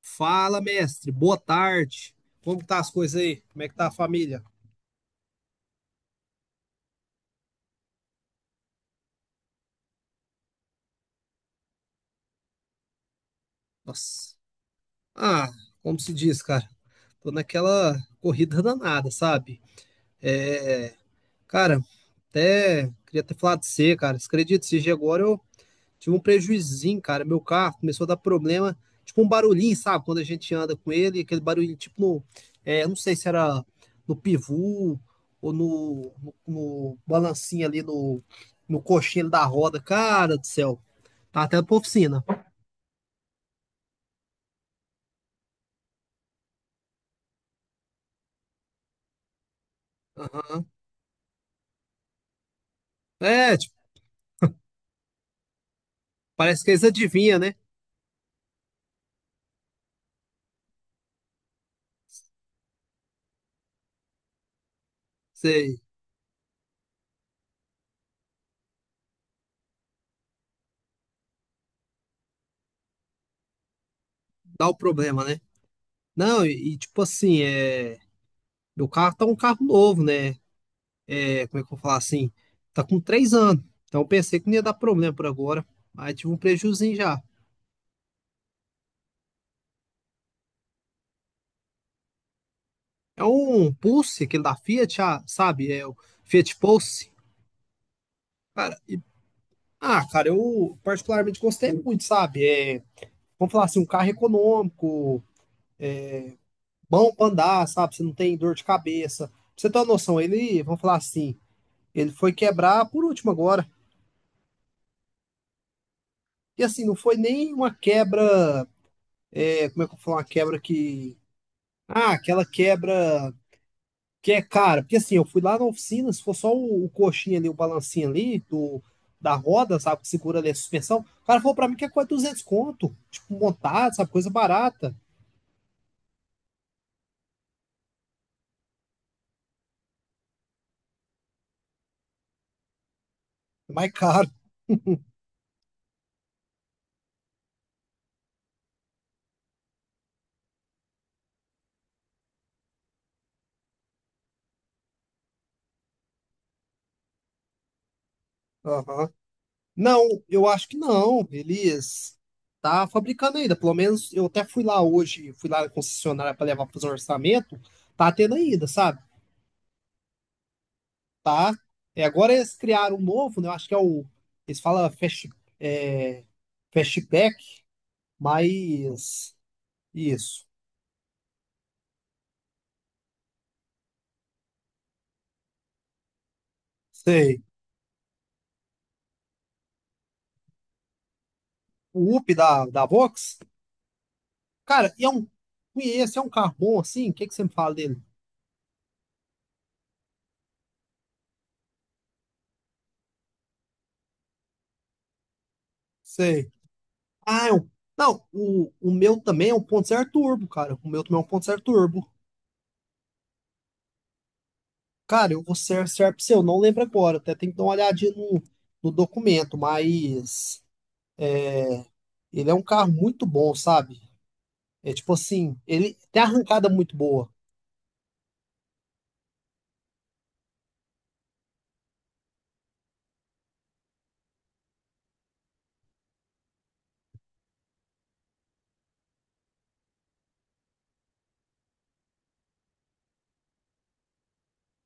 Fala, mestre. Boa tarde. Como que tá as coisas aí? Como é que tá a família? Nossa. Ah, como se diz, cara? Tô naquela corrida danada, sabe? É, cara, até queria ter falado de você, cara. Você acredita? Se agora eu tive um prejuizinho, cara. Meu carro começou a dar problema, tipo um barulhinho, sabe? Quando a gente anda com ele, aquele barulhinho, tipo no. É, não sei se era no pivô ou no balancinho ali no coxinho da roda. Cara do céu, tá até pra oficina. Aham. É, tipo, parece que eles adivinham, né? Você dá o problema, né? Não, e, tipo assim, meu carro tá um carro novo, né? É, como é que eu vou falar assim? Tá com 3 anos. Então eu pensei que não ia dar problema por agora, mas tive um prejuizinho já. É um Pulse, aquele da Fiat, ah, sabe? É o Fiat Pulse. Cara, ah, cara, eu particularmente gostei muito, sabe? É, vamos falar assim, um carro econômico, bom pra andar, sabe? Você não tem dor de cabeça. Pra você ter uma noção, ele, vamos falar assim, ele foi quebrar por último agora. E assim, não foi nem uma quebra, é, como é que eu vou falar, uma quebra que. Ah, aquela quebra. Que é cara, porque assim, eu fui lá na oficina, se for só o coxinha ali, o balancinho ali, da roda, sabe, que segura ali a suspensão, o cara falou pra mim que é quase 200 conto, tipo, montado, sabe, coisa barata, é mais caro. Aham. Não, eu acho que não, eles tá fabricando ainda, pelo menos eu até fui lá hoje, fui lá na concessionária pra levar pra fazer um orçamento, tá tendo ainda, sabe, tá. E agora eles criaram um novo, né, eu acho que é o, eles falam Fast, é, Fastback, mas... Isso. Sei. O Up da Vox? Cara, e é um. Conheço, é um carro bom assim? O que, que você me fala dele? Sei. Ah, é um. Não, o meu também é um 1.0 turbo, cara. O meu também é um 1.0 turbo. Cara, eu vou ser certo pra você, eu não lembro agora. Até tem que dar uma olhadinha no documento, mas ele é um carro muito bom, sabe? É tipo assim, ele tem arrancada muito boa.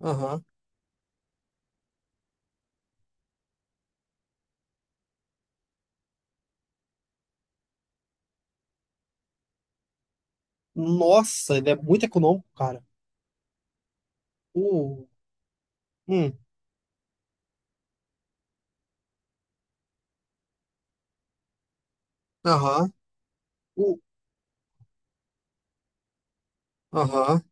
Aham. Nossa, ele é muito econômico, cara. O. Hum. Aham. O. Aham.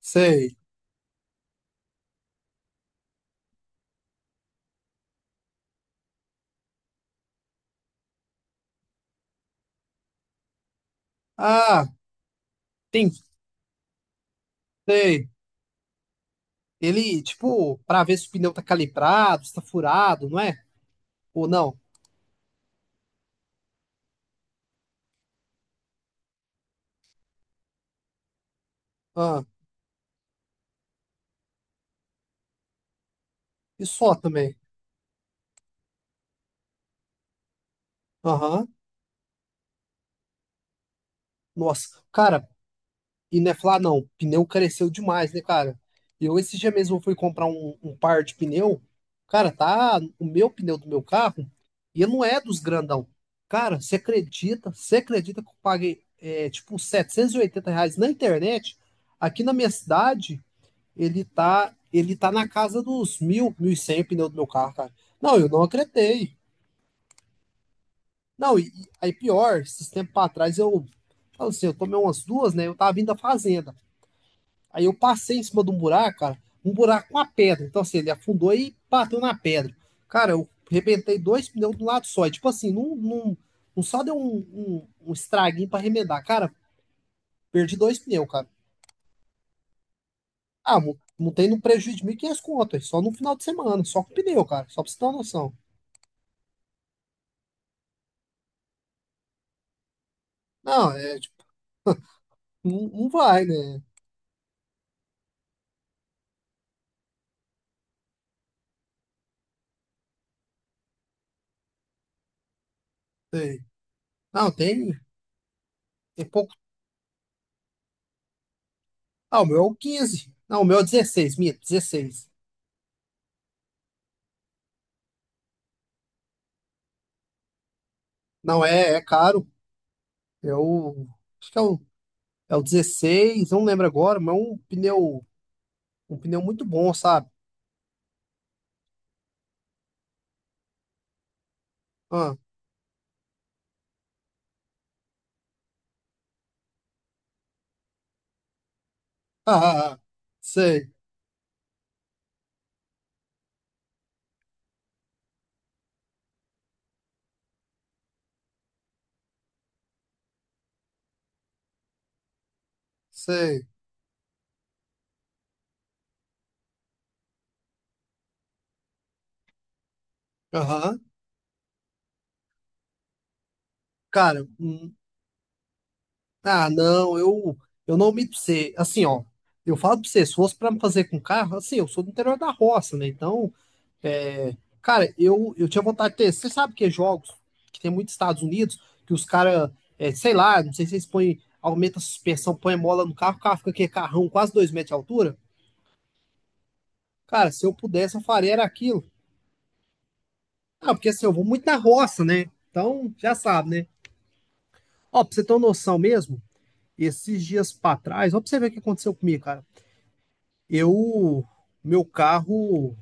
Sei. Ah, tem, sei. Ele, tipo, pra ver se o pneu tá calibrado, se tá furado, não é? Ou não? Ah, e só também. Aham. Nossa, cara, e não é falar não, o pneu careceu demais, né, cara? Eu esse dia mesmo fui comprar um par de pneu. Cara, tá o meu pneu do meu carro e ele não é dos grandão. Cara, você acredita? Você acredita que eu paguei, é, tipo, R$ 780 na internet aqui na minha cidade? Ele tá na casa dos 1000, 1100 pneu do meu carro, cara. Não, eu não acreditei. Não, e aí pior, esses tempos pra trás eu, falo assim, eu tomei umas duas, né? Eu tava vindo da fazenda. Aí eu passei em cima de um buraco, cara, um buraco com a pedra. Então, assim, ele afundou e bateu na pedra. Cara, eu arrebentei dois pneus do lado só. E, tipo assim, não só deu um estraguinho pra remendar. Cara, perdi dois pneus, cara. Ah, montei no prejuízo de 1500 conto, aí, só no final de semana, só com pneu, cara. Só pra você ter uma noção. Não, é tipo, não, não vai, né? Sei. Não, tem pouco. Ah, o meu é o 15. Não, o meu é o 16, minha, 16. Não, é caro. É o. Acho que é o 16, não lembro agora, mas é um pneu. Um pneu muito bom, sabe? Ah, ah, ah, ah. Sei, sei. Aham. Cara, ah, não, eu não minto pra você. Assim, ó. Eu falo pra você, se fosse pra me fazer com carro, assim, eu sou do interior da roça, né? Então. É, cara, eu tinha vontade de ter. Você sabe que é jogos que tem muito nos Estados Unidos, que os caras, sei lá, não sei se eles põem, aumenta a suspensão, põe mola no carro, o carro fica aqui, carrão, quase 2 metros de altura. Cara, se eu pudesse, eu faria era aquilo. Ah, porque assim, eu vou muito na roça, né? Então, já sabe, né? Ó, pra você ter uma noção mesmo, esses dias pra trás, ó, pra você ver o que aconteceu comigo, cara. Eu, meu carro,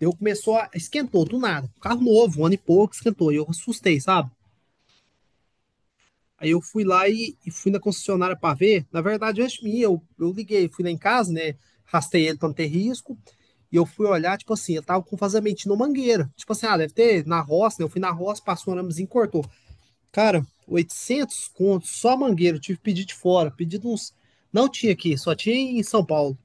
eu começou a, esquentou do nada. Carro novo, um ano e pouco, esquentou. E eu assustei, sabe? Aí eu fui lá e fui na concessionária para ver. Na verdade, antes minha, eu liguei, fui lá em casa, né? Rastei ele para não ter risco. E eu fui olhar, tipo assim, eu tava com vazamento na mangueira. Tipo assim, ah, deve ter na roça, né? Eu fui na roça, passou um aramezinho, e cortou. Cara, 800 contos, só mangueira. Eu tive que pedir de fora, pedido uns. Não tinha aqui, só tinha em São Paulo.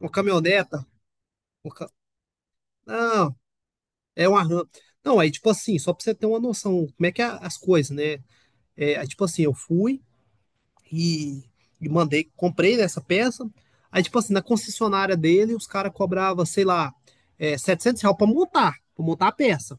Uma caminhoneta. uma ca- Não, é um arranque. Não, aí, tipo assim, só pra você ter uma noção, como é que é as coisas, né? É, aí, tipo assim, eu fui. E, e mandei, comprei essa peça. Aí, tipo assim, na concessionária dele, os caras cobravam, sei lá, é, R$ 700 pra montar a peça.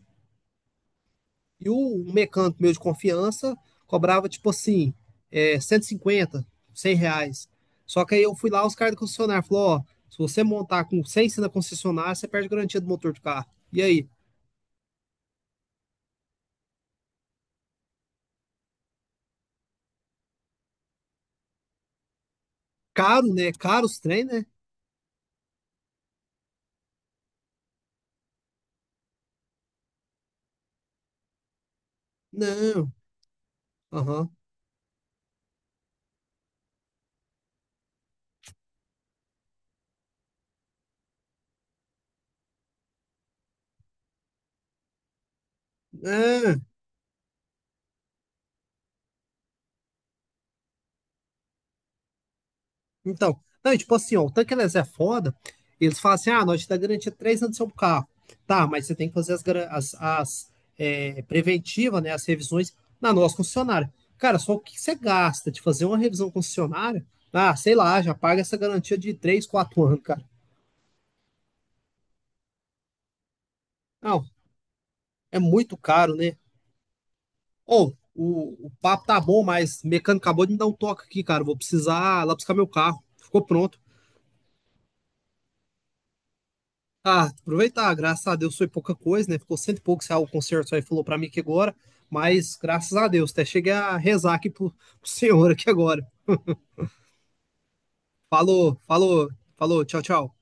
E o mecânico meu de confiança cobrava, tipo assim, é, 150 R$ 100. Só que aí eu fui lá, os caras da concessionária falaram, ó, se você montar com 100 na concessionária, você perde a garantia do motor do carro. E aí? Caro, né? Caro os trem, né? Não. Aham. Não. Então, não, e tipo assim, ó, o tanque eles é foda. Eles falam assim: ah, nós te dá garantia de 3 anos do seu carro. Tá, mas você tem que fazer as preventivas, né? As revisões na nossa concessionária. Cara, só o que você gasta de fazer uma revisão concessionária? Ah, sei lá, já paga essa garantia de 3, 4 anos, cara. Não, é muito caro, né? Ô, o papo tá bom, mas o mecânico acabou de me dar um toque aqui, cara. Vou precisar lá buscar meu carro. Ficou pronto. Ah, aproveitar, graças a Deus foi pouca coisa, né? Ficou cento e pouco, se o concerto só aí falou pra mim que agora, mas graças a Deus, até cheguei a rezar aqui pro senhor aqui agora. Falou, falou, falou, tchau, tchau.